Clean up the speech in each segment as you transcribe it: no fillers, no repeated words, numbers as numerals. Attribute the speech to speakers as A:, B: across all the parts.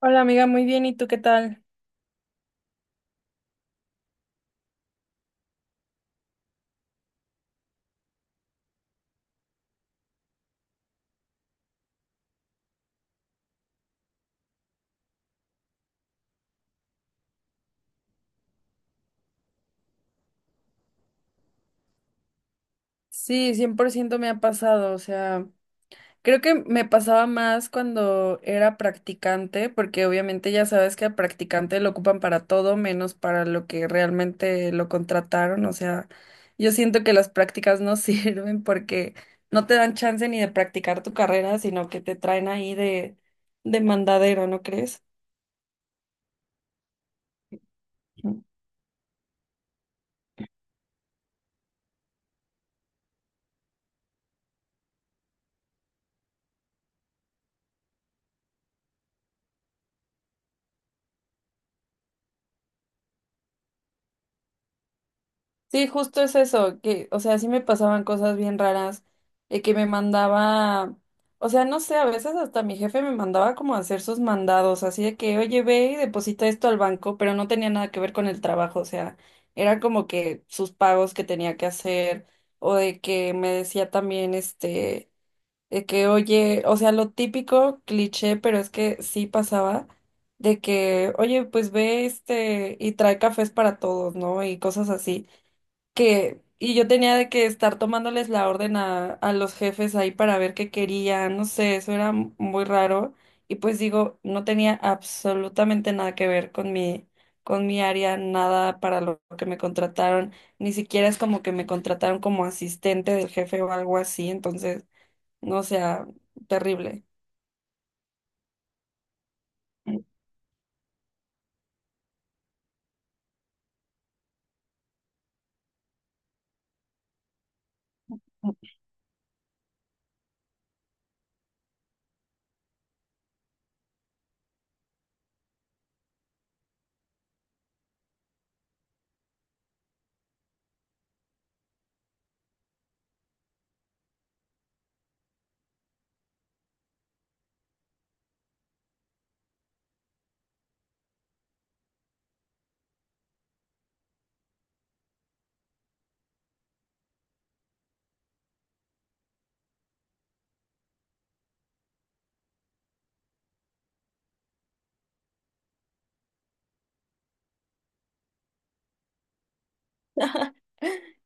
A: Hola amiga, muy bien, ¿y tú qué tal? Sí, 100% me ha pasado, o sea, creo que me pasaba más cuando era practicante, porque obviamente ya sabes que al practicante lo ocupan para todo menos para lo que realmente lo contrataron, o sea, yo siento que las prácticas no sirven porque no te dan chance ni de practicar tu carrera, sino que te traen ahí de mandadero, ¿no crees? Sí, justo es eso, que, o sea, sí me pasaban cosas bien raras, de que me mandaba, o sea, no sé, a veces hasta mi jefe me mandaba como a hacer sus mandados, así de que, oye, ve y deposita esto al banco, pero no tenía nada que ver con el trabajo, o sea, era como que sus pagos que tenía que hacer, o de que me decía también, este, de que, oye, o sea, lo típico, cliché, pero es que sí pasaba de que, oye, pues ve este y trae cafés para todos, ¿no? Y cosas así que, y yo tenía de que estar tomándoles la orden a los jefes ahí para ver qué querían, no sé, eso era muy raro. Y pues digo, no tenía absolutamente nada que ver con mi área, nada para lo que me contrataron, ni siquiera es como que me contrataron como asistente del jefe o algo así, entonces, no o sea, terrible.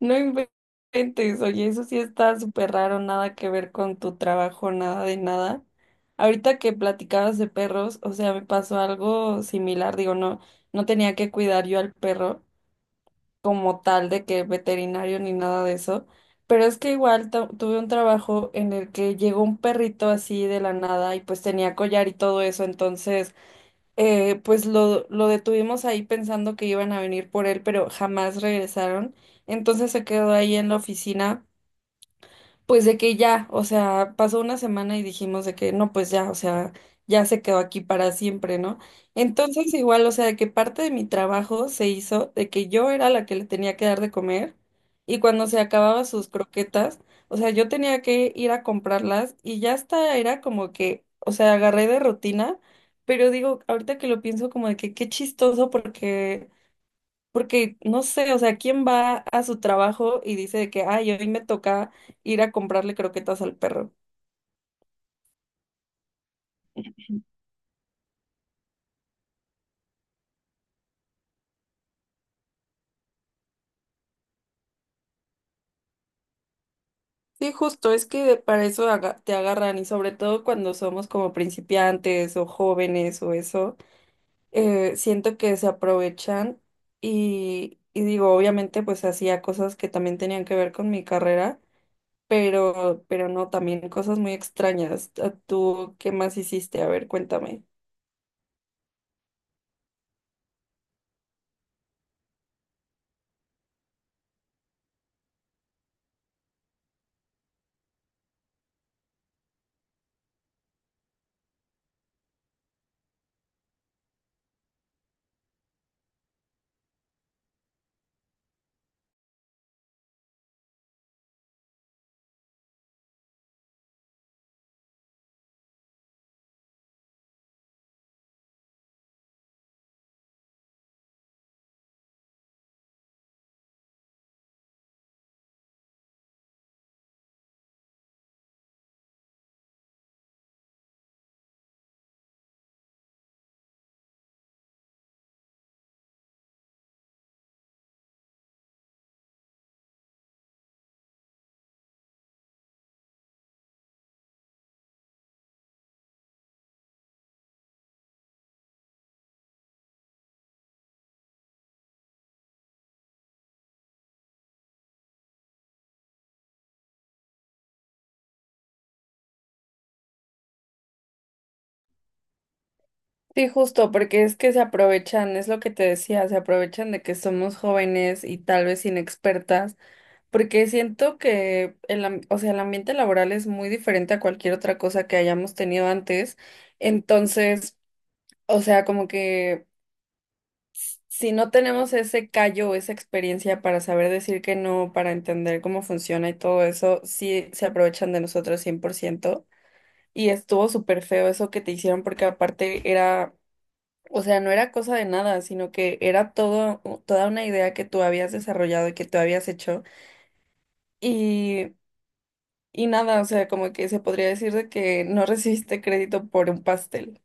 A: No inventes, oye, eso sí está súper raro, nada que ver con tu trabajo, nada de nada. Ahorita que platicabas de perros, o sea, me pasó algo similar, digo, no, no tenía que cuidar yo al perro como tal de que veterinario ni nada de eso, pero es que igual tuve un trabajo en el que llegó un perrito así de la nada y pues tenía collar y todo eso, entonces pues lo detuvimos ahí pensando que iban a venir por él, pero jamás regresaron. Entonces se quedó ahí en la oficina. Pues de que ya, o sea, pasó una semana y dijimos de que no, pues ya, o sea, ya se quedó aquí para siempre, ¿no? Entonces igual, o sea, de que parte de mi trabajo se hizo de que yo era la que le tenía que dar de comer y cuando se acababa sus croquetas, o sea, yo tenía que ir a comprarlas y ya hasta era como que, o sea, agarré de rutina, pero digo, ahorita que lo pienso como de que qué chistoso porque no sé, o sea, ¿quién va a su trabajo y dice de que, ay, hoy me toca ir a comprarle croquetas al perro? Sí, justo, es que para eso te agarran y sobre todo cuando somos como principiantes o jóvenes o eso, siento que se aprovechan y digo, obviamente pues hacía cosas que también tenían que ver con mi carrera, pero no, también cosas muy extrañas. ¿Tú qué más hiciste? A ver, cuéntame. Sí, justo, porque es que se aprovechan, es lo que te decía, se aprovechan de que somos jóvenes y tal vez inexpertas, porque siento que el, o sea, el ambiente laboral es muy diferente a cualquier otra cosa que hayamos tenido antes. Entonces, o sea, como que si no tenemos ese callo, o esa experiencia para saber decir que no, para entender cómo funciona y todo eso, sí se aprovechan de nosotros 100%. Y estuvo súper feo eso que te hicieron porque aparte era, o sea, no era cosa de nada, sino que era todo, toda una idea que tú habías desarrollado y que tú habías hecho. Y, y nada, o sea, como que se podría decir de que no recibiste crédito por un pastel.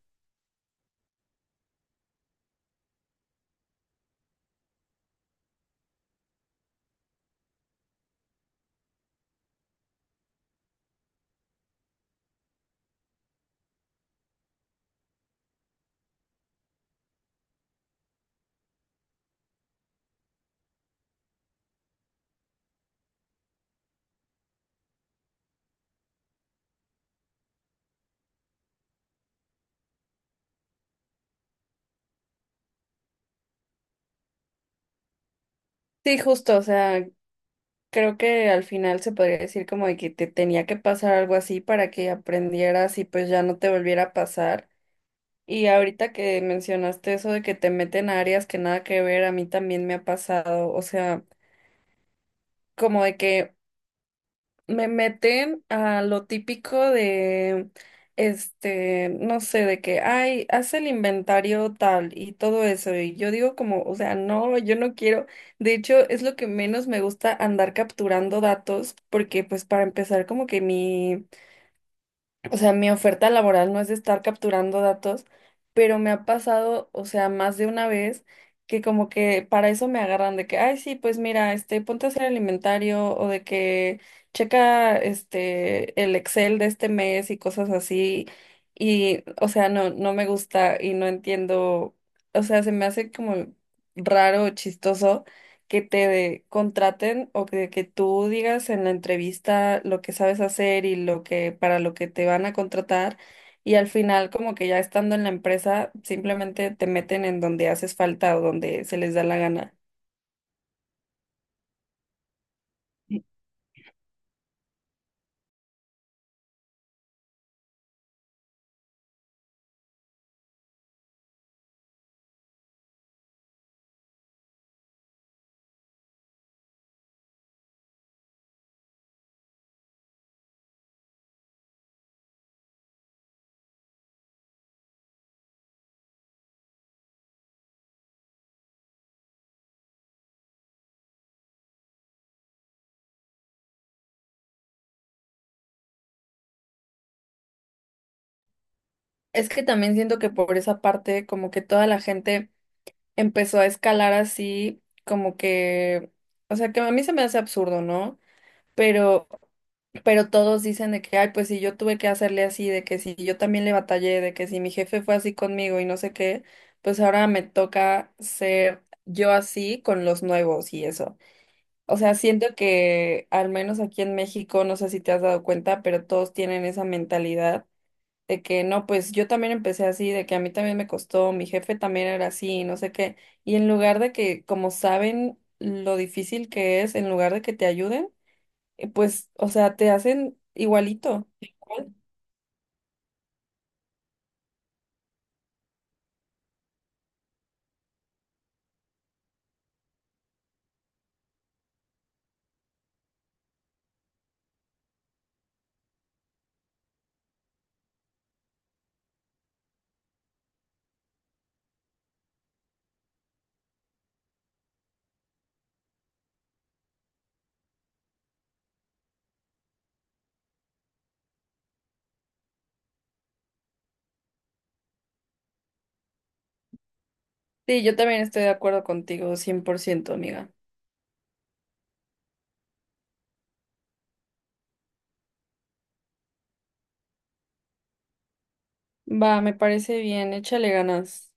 A: Sí, justo, o sea, creo que al final se podría decir como de que te tenía que pasar algo así para que aprendieras y pues ya no te volviera a pasar. Y ahorita que mencionaste eso de que te meten a áreas que nada que ver, a mí también me ha pasado, o sea, como de que me meten a lo típico de, este, no sé, de que, ay, haz el inventario tal y todo eso. Y yo digo como, o sea, no, yo no quiero. De hecho, es lo que menos me gusta andar capturando datos porque, pues, para empezar, como que mi, o sea, mi oferta laboral no es de estar capturando datos, pero me ha pasado, o sea, más de una vez que como que para eso me agarran de que, ay, sí, pues mira, este, ponte a hacer el inventario o de que checa este el Excel de este mes y cosas así. Y, o sea, no, no me gusta y no entiendo, o sea, se me hace como raro, chistoso que te contraten o que tú digas en la entrevista lo que sabes hacer y lo que para lo que te van a contratar y al final como que ya estando en la empresa simplemente te meten en donde haces falta o donde se les da la gana. Es que también siento que por esa parte como que toda la gente empezó a escalar así como que, o sea que a mí se me hace absurdo, ¿no? Pero Pero todos dicen de que, ay, pues si yo tuve que hacerle así, de que si yo también le batallé, de que si mi jefe fue así conmigo y no sé qué, pues ahora me toca ser yo así con los nuevos y eso. O sea, siento que al menos aquí en México, no sé si te has dado cuenta, pero todos tienen esa mentalidad de que no, pues yo también empecé así, de que a mí también me costó, mi jefe también era así, no sé qué. Y en lugar de que, como saben lo difícil que es, en lugar de que te ayuden, pues, o sea, te hacen igualito. Igual. Sí, yo también estoy de acuerdo contigo, 100% amiga. Va, me parece bien, échale ganas.